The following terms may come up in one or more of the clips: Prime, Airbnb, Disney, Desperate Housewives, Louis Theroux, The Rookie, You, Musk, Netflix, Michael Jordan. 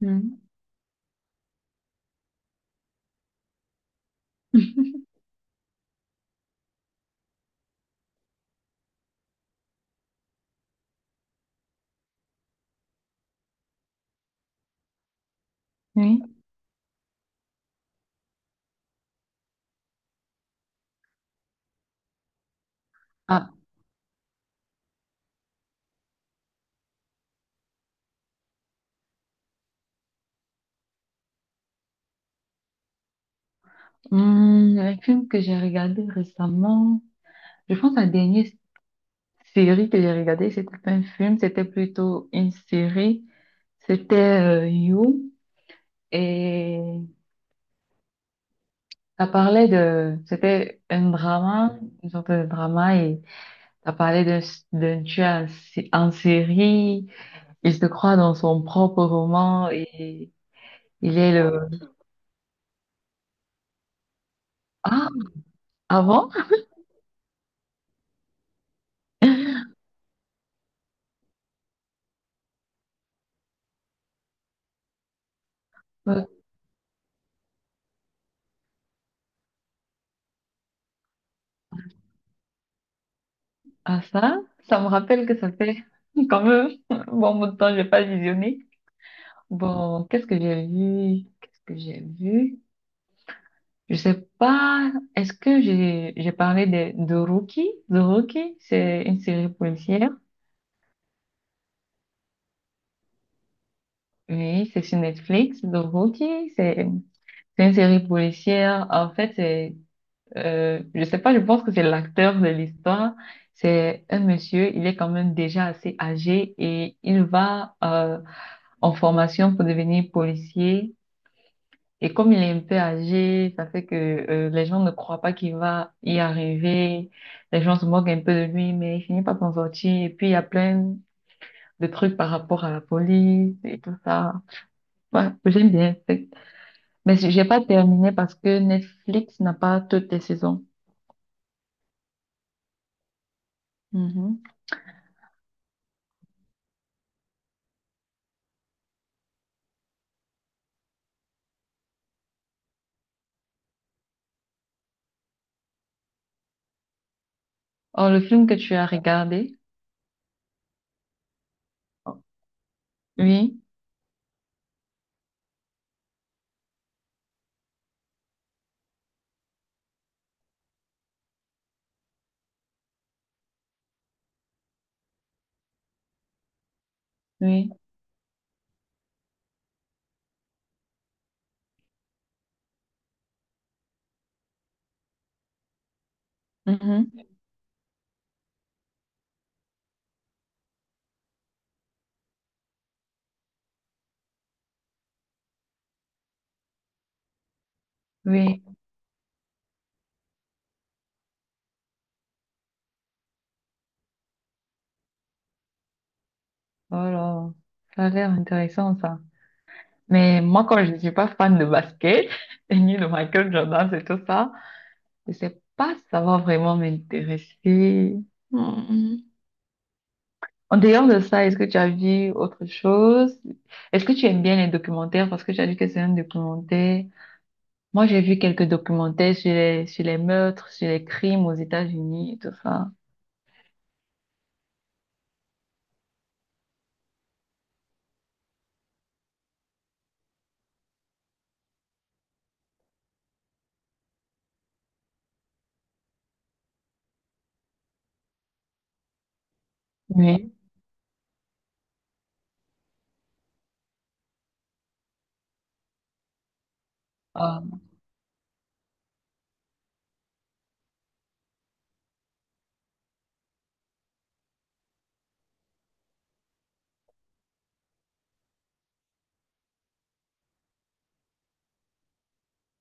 Mhm. Oui. Ah, un film que j'ai regardé récemment, je pense la dernière série que j'ai regardée, c'était pas un film, c'était plutôt une série. C'était You et ça parlait de, c'était un drama, une sorte de drama et ça parlait d'un tueur en série. Il se croit dans son propre roman et il est le. Ah, avant? Ah ça, ça me rappelle que ça fait quand même un bon bout de temps, j'ai pas visionné. Bon, qu'est-ce que j'ai vu? Qu'est-ce que j'ai vu? Je sais pas. Est-ce que j'ai parlé de Rookie? The Rookie, c'est une série policière. Oui, c'est sur Netflix. The Rookie, c'est une série policière. En fait, c'est je sais pas. Je pense que c'est l'acteur de l'histoire. C'est un monsieur. Il est quand même déjà assez âgé et il va en formation pour devenir policier. Et comme il est un peu âgé, ça fait que les gens ne croient pas qu'il va y arriver. Les gens se moquent un peu de lui, mais il finit par s'en sortir. Et puis, il y a plein de trucs par rapport à la police et tout ça. Ouais, j'aime bien. Mais j'ai pas terminé parce que Netflix n'a pas toutes les saisons. Mhm. Oh, le film que tu as regardé? Oui, oui, mhm, oui. Oh là, ça a l'air intéressant, ça. Mais moi, quand je ne suis pas fan de basket, et ni de Michael Jordan, c'est tout ça, je ne sais pas si ça va vraiment m'intéresser. Hmm. En dehors de ça, est-ce que tu as vu autre chose? Est-ce que tu aimes bien les documentaires? Parce que tu as dit que c'est un documentaire. Moi, j'ai vu quelques documentaires sur les meurtres, sur les crimes aux États-Unis et tout ça. Oui. Ah,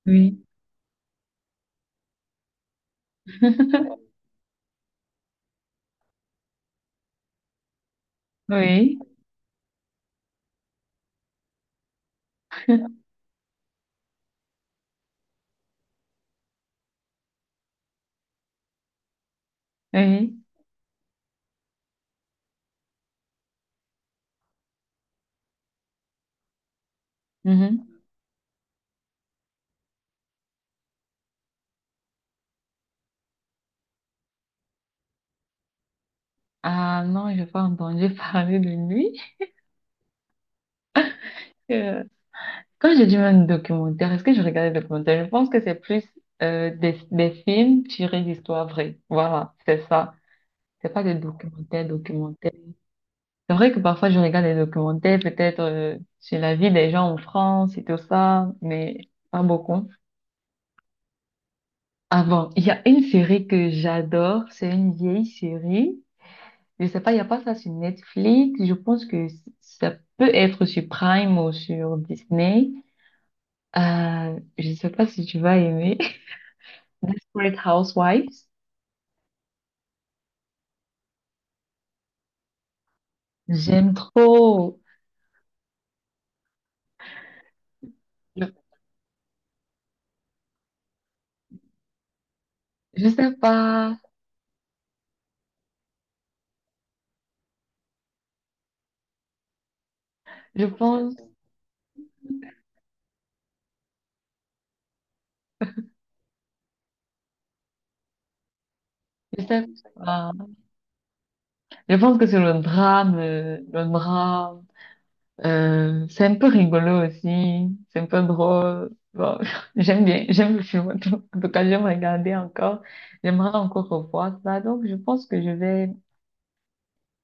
oui. Oui. Oui. Mhm. Ah non, je n'ai pas entendu parler de lui. Euh, Quand j'ai dit même documentaire, est-ce que je regardais des documentaires? Je pense que c'est plus des films tirés d'histoires vraies. Voilà, c'est ça. C'est pas des documentaires, documentaires. C'est vrai que parfois je regarde des documentaires, peut-être sur la vie des gens en France et tout ça, mais pas beaucoup. Avant, il y a une série que j'adore, c'est une vieille série. Je sais pas, il n'y a pas ça sur Netflix. Je pense que ça peut être sur Prime ou sur Disney. Je sais pas si tu vas aimer. Desperate Housewives. J'aime trop. Je, je sais pas. Je pense, je sais pas. Je pense que c'est le drame, le drame. C'est un peu rigolo aussi. C'est un peu drôle. Bon, j'aime bien, j'aime le film. En tout cas, j'aime regarder encore. J'aimerais encore revoir ça. Donc, je pense que je vais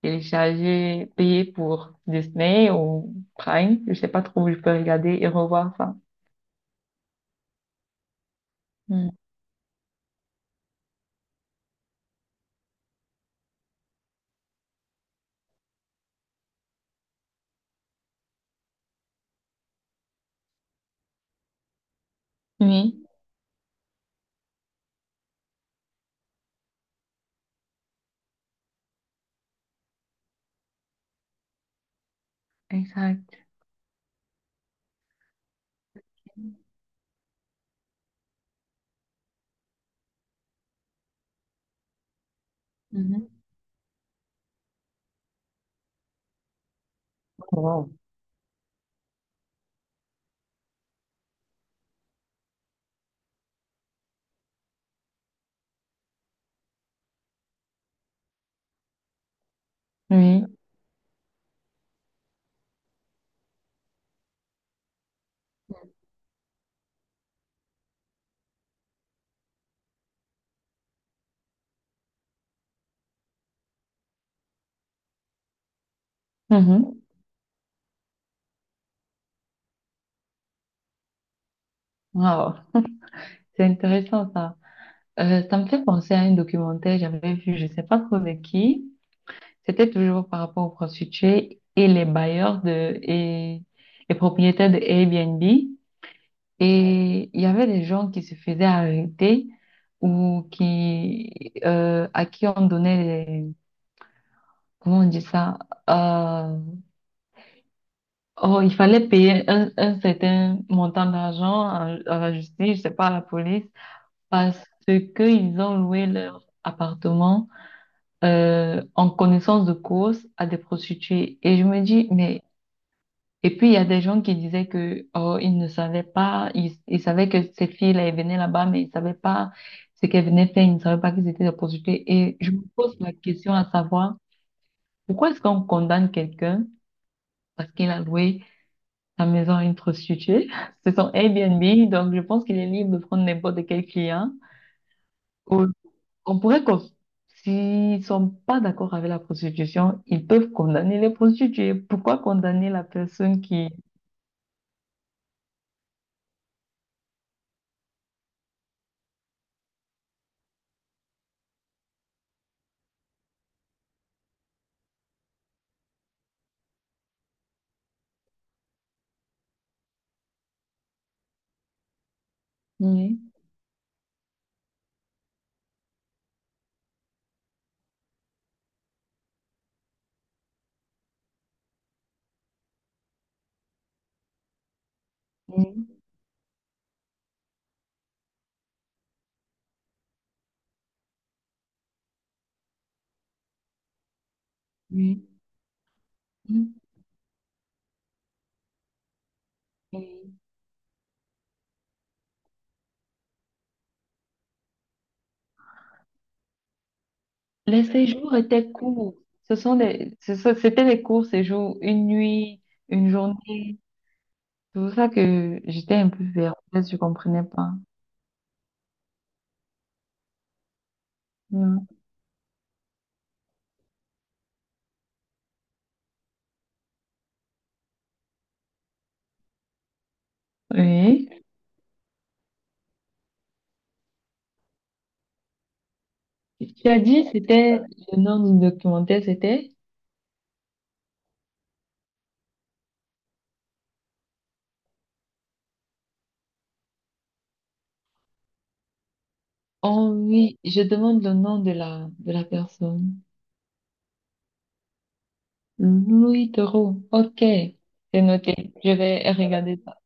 télécharger, payer pour Disney ou Prime. Je sais pas trop où je peux regarder et revoir ça. Mm. Oui, exact. Wow. Oui. Mhm. Wow. C'est intéressant ça. Ça me fait penser à un documentaire que j'avais vu, je sais pas trop de qui. C'était toujours par rapport aux prostituées et les bailleurs de et les propriétaires de Airbnb. Et il y avait des gens qui se faisaient arrêter ou qui à qui on donnait des, comment on dit ça? Euh, Oh, il fallait payer un certain montant d'argent à la justice, je sais pas, à la police. Parce qu'ils ont loué leur appartement en connaissance de cause à des prostituées. Et je me dis, mais... Et puis, il y a des gens qui disaient que, oh, ils ne savaient pas, ils savaient que ces filles-là, elles venaient là-bas, mais ils savaient pas ce qu'elles venaient faire, ils ne savaient pas qu'ils étaient des prostituées. Et je me pose la question à savoir, pourquoi est-ce qu'on condamne quelqu'un parce qu'il a loué sa maison à une prostituée? C'est son Airbnb, donc je pense qu'il est libre de prendre n'importe quel client. On pourrait qu'on, s'ils sont pas d'accord avec la prostitution, ils peuvent condamner les prostituées. Pourquoi condamner la personne qui... Oui, oui, oui, oui, oui. Les séjours étaient courts. Ce sont des, c'était des courts séjours, une nuit, une journée. C'est pour ça que j'étais un peu perplexe, je comprenais pas. Non. Oui. Tu as dit, c'était le nom du documentaire, c'était. Oh oui, je demande le nom de la personne. Louis Theroux. Ok, c'est noté. Je vais regarder ça.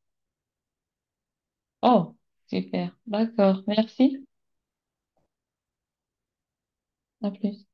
Oh, super. D'accord. Merci. À plus.